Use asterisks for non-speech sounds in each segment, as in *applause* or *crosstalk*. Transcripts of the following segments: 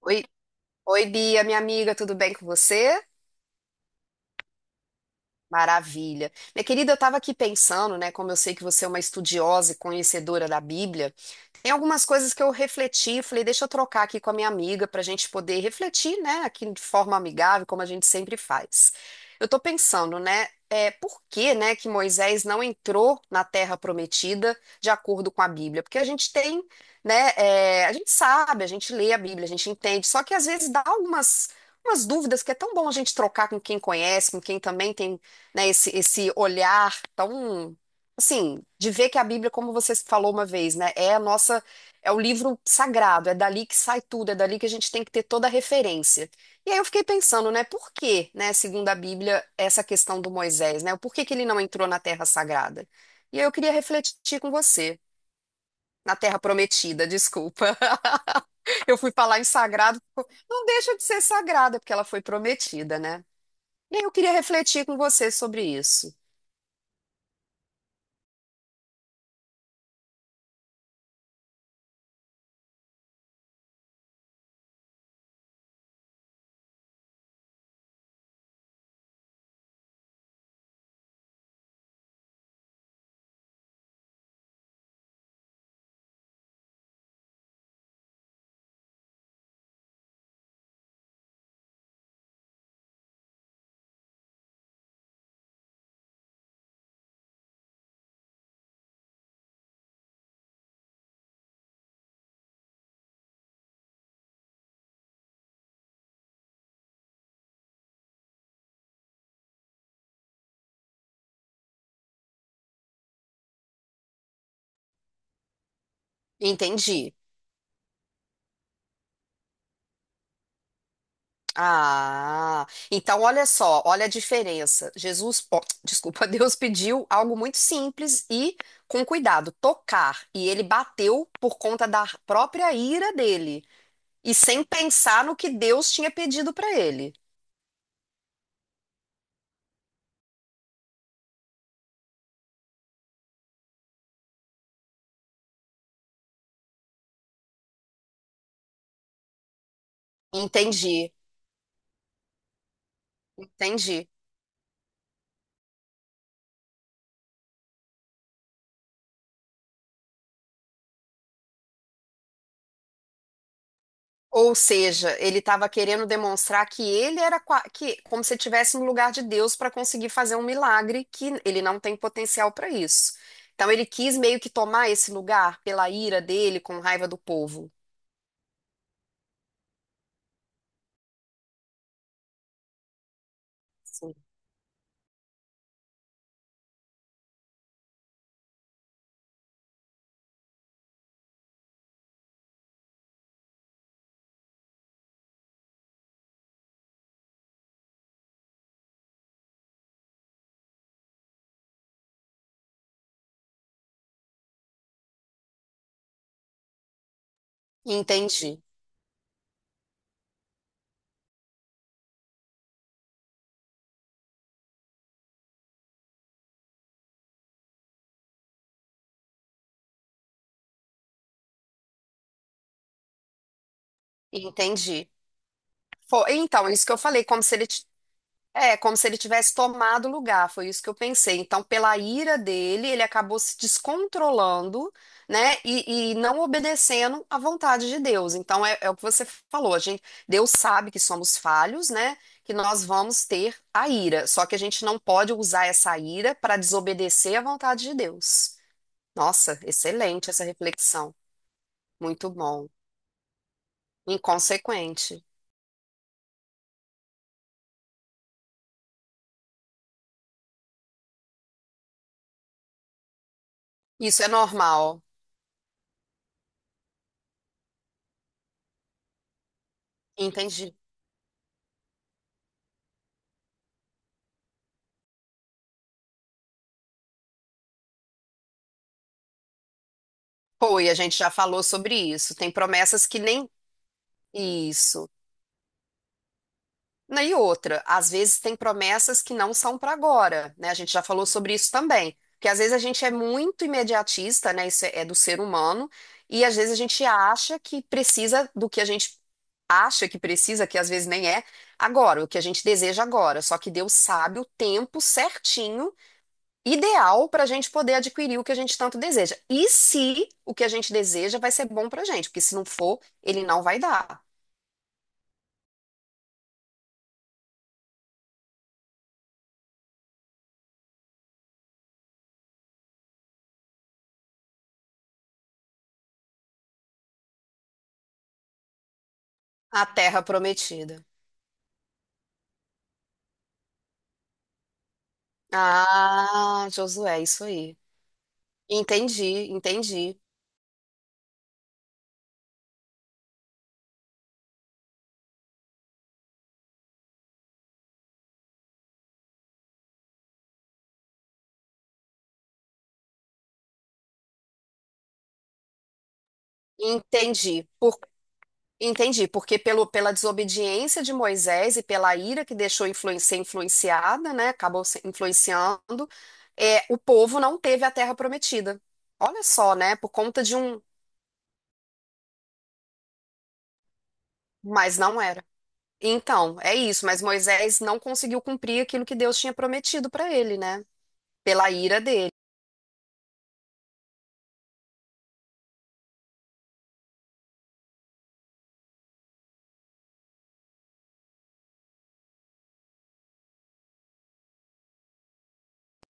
Oi, oi, Bia, minha amiga, tudo bem com você? Maravilha. Minha querida, eu estava aqui pensando, né, como eu sei que você é uma estudiosa e conhecedora da Bíblia, tem algumas coisas que eu refleti, falei: deixa eu trocar aqui com a minha amiga para a gente poder refletir, né, aqui de forma amigável, como a gente sempre faz. Eu estou pensando, né, por que, né, que Moisés não entrou na Terra Prometida de acordo com a Bíblia? Porque a gente tem, né, a gente sabe, a gente lê a Bíblia, a gente entende, só que às vezes dá algumas, umas dúvidas que é tão bom a gente trocar com quem conhece, com quem também tem, né, esse olhar tão assim, de ver que a Bíblia, como você falou uma vez, né, é a nossa, é o livro sagrado, é dali que sai tudo, é dali que a gente tem que ter toda a referência. E aí eu fiquei pensando, né, por que, né, segundo a Bíblia, essa questão do Moisés, né, por que que ele não entrou na Terra Sagrada? E aí eu queria refletir com você. Na Terra Prometida, desculpa. *laughs* Eu fui falar em sagrado, não deixa de ser sagrada, porque ela foi prometida, né? E aí eu queria refletir com você sobre isso. Entendi. Ah, então olha só, olha a diferença. Jesus, *tsk* desculpa, *laughs* Deus pediu algo muito simples e com cuidado, tocar, e ele bateu por conta da própria ira dele e sem pensar no que Deus tinha pedido para ele. Entendi, entendi. Ou seja, ele estava querendo demonstrar que ele era que, como se estivesse no lugar de Deus para conseguir fazer um milagre que ele não tem potencial para isso. Então ele quis meio que tomar esse lugar pela ira dele, com raiva do povo. Sim. Entendi, entendi. Foi, então, isso que eu falei, como se é, como se ele tivesse tomado o lugar, foi isso que eu pensei. Então, pela ira dele, ele acabou se descontrolando, né, e não obedecendo à vontade de Deus. Então, é o que você falou, a gente, Deus sabe que somos falhos, né, que nós vamos ter a ira, só que a gente não pode usar essa ira para desobedecer à vontade de Deus. Nossa, excelente essa reflexão, muito bom. Inconsequente. Isso é normal, entendi. Foi, a gente já falou sobre isso. Tem promessas que nem Isso. E outra, às vezes tem promessas que não são para agora, né? A gente já falou sobre isso também. Porque às vezes a gente é muito imediatista, né? Isso é do ser humano, e às vezes a gente acha que precisa do que a gente acha que precisa, que às vezes nem é, agora, o que a gente deseja agora. Só que Deus sabe o tempo certinho, ideal para a gente poder adquirir o que a gente tanto deseja. E se o que a gente deseja vai ser bom para a gente, porque se não for, ele não vai dar. A terra prometida. Ah, Josué, isso aí. Entendi, entendi, entendi. Por, entendi, porque pelo, pela desobediência de Moisés e pela ira que deixou ser influenciada, né? Acabou se influenciando, é, o povo não teve a terra prometida. Olha só, né? Por conta de um. Mas não era. Então, é isso, mas Moisés não conseguiu cumprir aquilo que Deus tinha prometido para ele, né? Pela ira dele.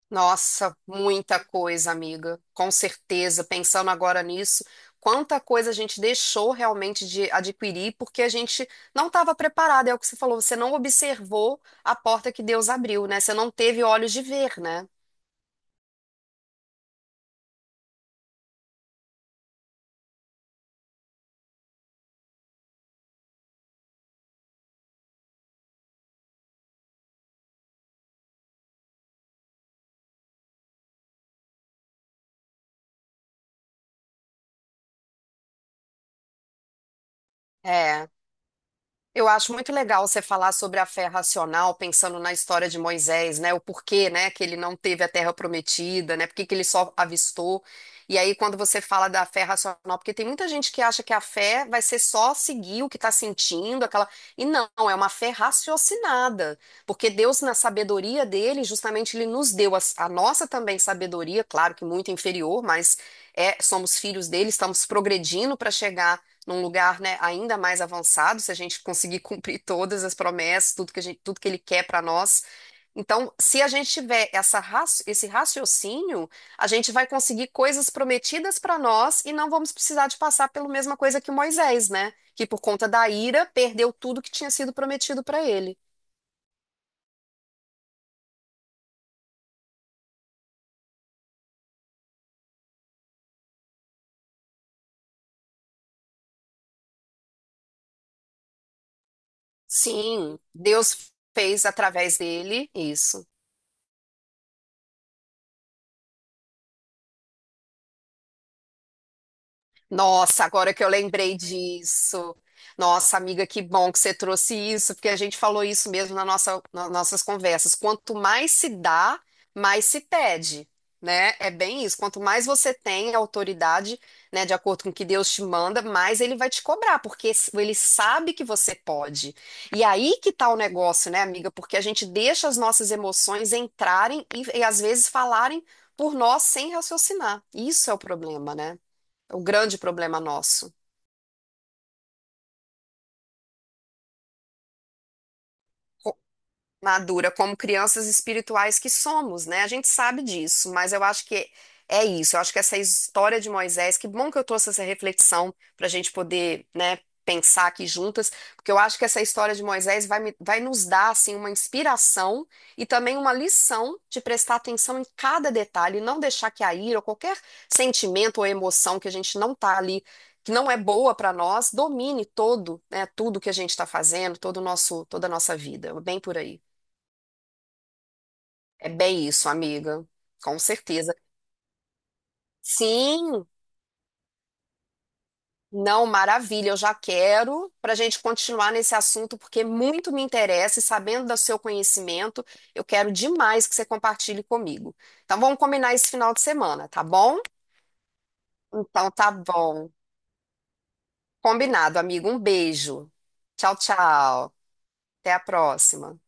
Nossa, muita coisa, amiga. Com certeza, pensando agora nisso, quanta coisa a gente deixou realmente de adquirir porque a gente não estava preparado. É o que você falou, você não observou a porta que Deus abriu, né? Você não teve olhos de ver, né? É. Eu acho muito legal você falar sobre a fé racional, pensando na história de Moisés, né? O porquê, né, que ele não teve a terra prometida, né? Por que que ele só avistou? E aí, quando você fala da fé racional, porque tem muita gente que acha que a fé vai ser só seguir o que está sentindo, aquela. E não, é uma fé raciocinada. Porque Deus, na sabedoria dele, justamente ele nos deu a nossa também sabedoria, claro que muito inferior, mas é, somos filhos dele, estamos progredindo para chegar num lugar, né, ainda mais avançado, se a gente conseguir *laughs* cumprir todas as promessas, tudo que a gente, tudo que ele quer para nós. Então, se a gente tiver essa, esse raciocínio, a gente vai conseguir coisas prometidas para nós e não vamos precisar de passar pela mesma coisa que Moisés, né? Que por conta da ira perdeu tudo que tinha sido prometido para ele. Sim, Deus fez através dele isso. Nossa, agora que eu lembrei disso. Nossa, amiga, que bom que você trouxe isso, porque a gente falou isso mesmo na nossa, nas nossas conversas. Quanto mais se dá, mais se pede, né? É bem isso. Quanto mais você tem autoridade, né, de acordo com o que Deus te manda, mais ele vai te cobrar, porque ele sabe que você pode. E aí que tá o negócio, né, amiga? Porque a gente deixa as nossas emoções entrarem e às vezes falarem por nós sem raciocinar. Isso é o problema, né? É o grande problema nosso. Madura como crianças espirituais que somos, né? A gente sabe disso, mas eu acho que é isso. Eu acho que essa história de Moisés, que bom que eu trouxe essa reflexão para a gente poder, né, pensar aqui juntas, porque eu acho que essa história de Moisés vai nos dar, assim, uma inspiração e também uma lição de prestar atenção em cada detalhe, não deixar que a ira ou qualquer sentimento ou emoção que a gente não tá ali que não é boa para nós, domine todo, né, tudo que a gente está fazendo, todo o nosso, toda a nossa vida, bem por aí. É bem isso, amiga. Com certeza. Sim, não, maravilha. Eu já quero para a gente continuar nesse assunto, porque muito me interessa e sabendo do seu conhecimento, eu quero demais que você compartilhe comigo. Então, vamos combinar esse final de semana, tá bom? Então, tá bom. Combinado, amigo. Um beijo. Tchau, tchau. Até a próxima.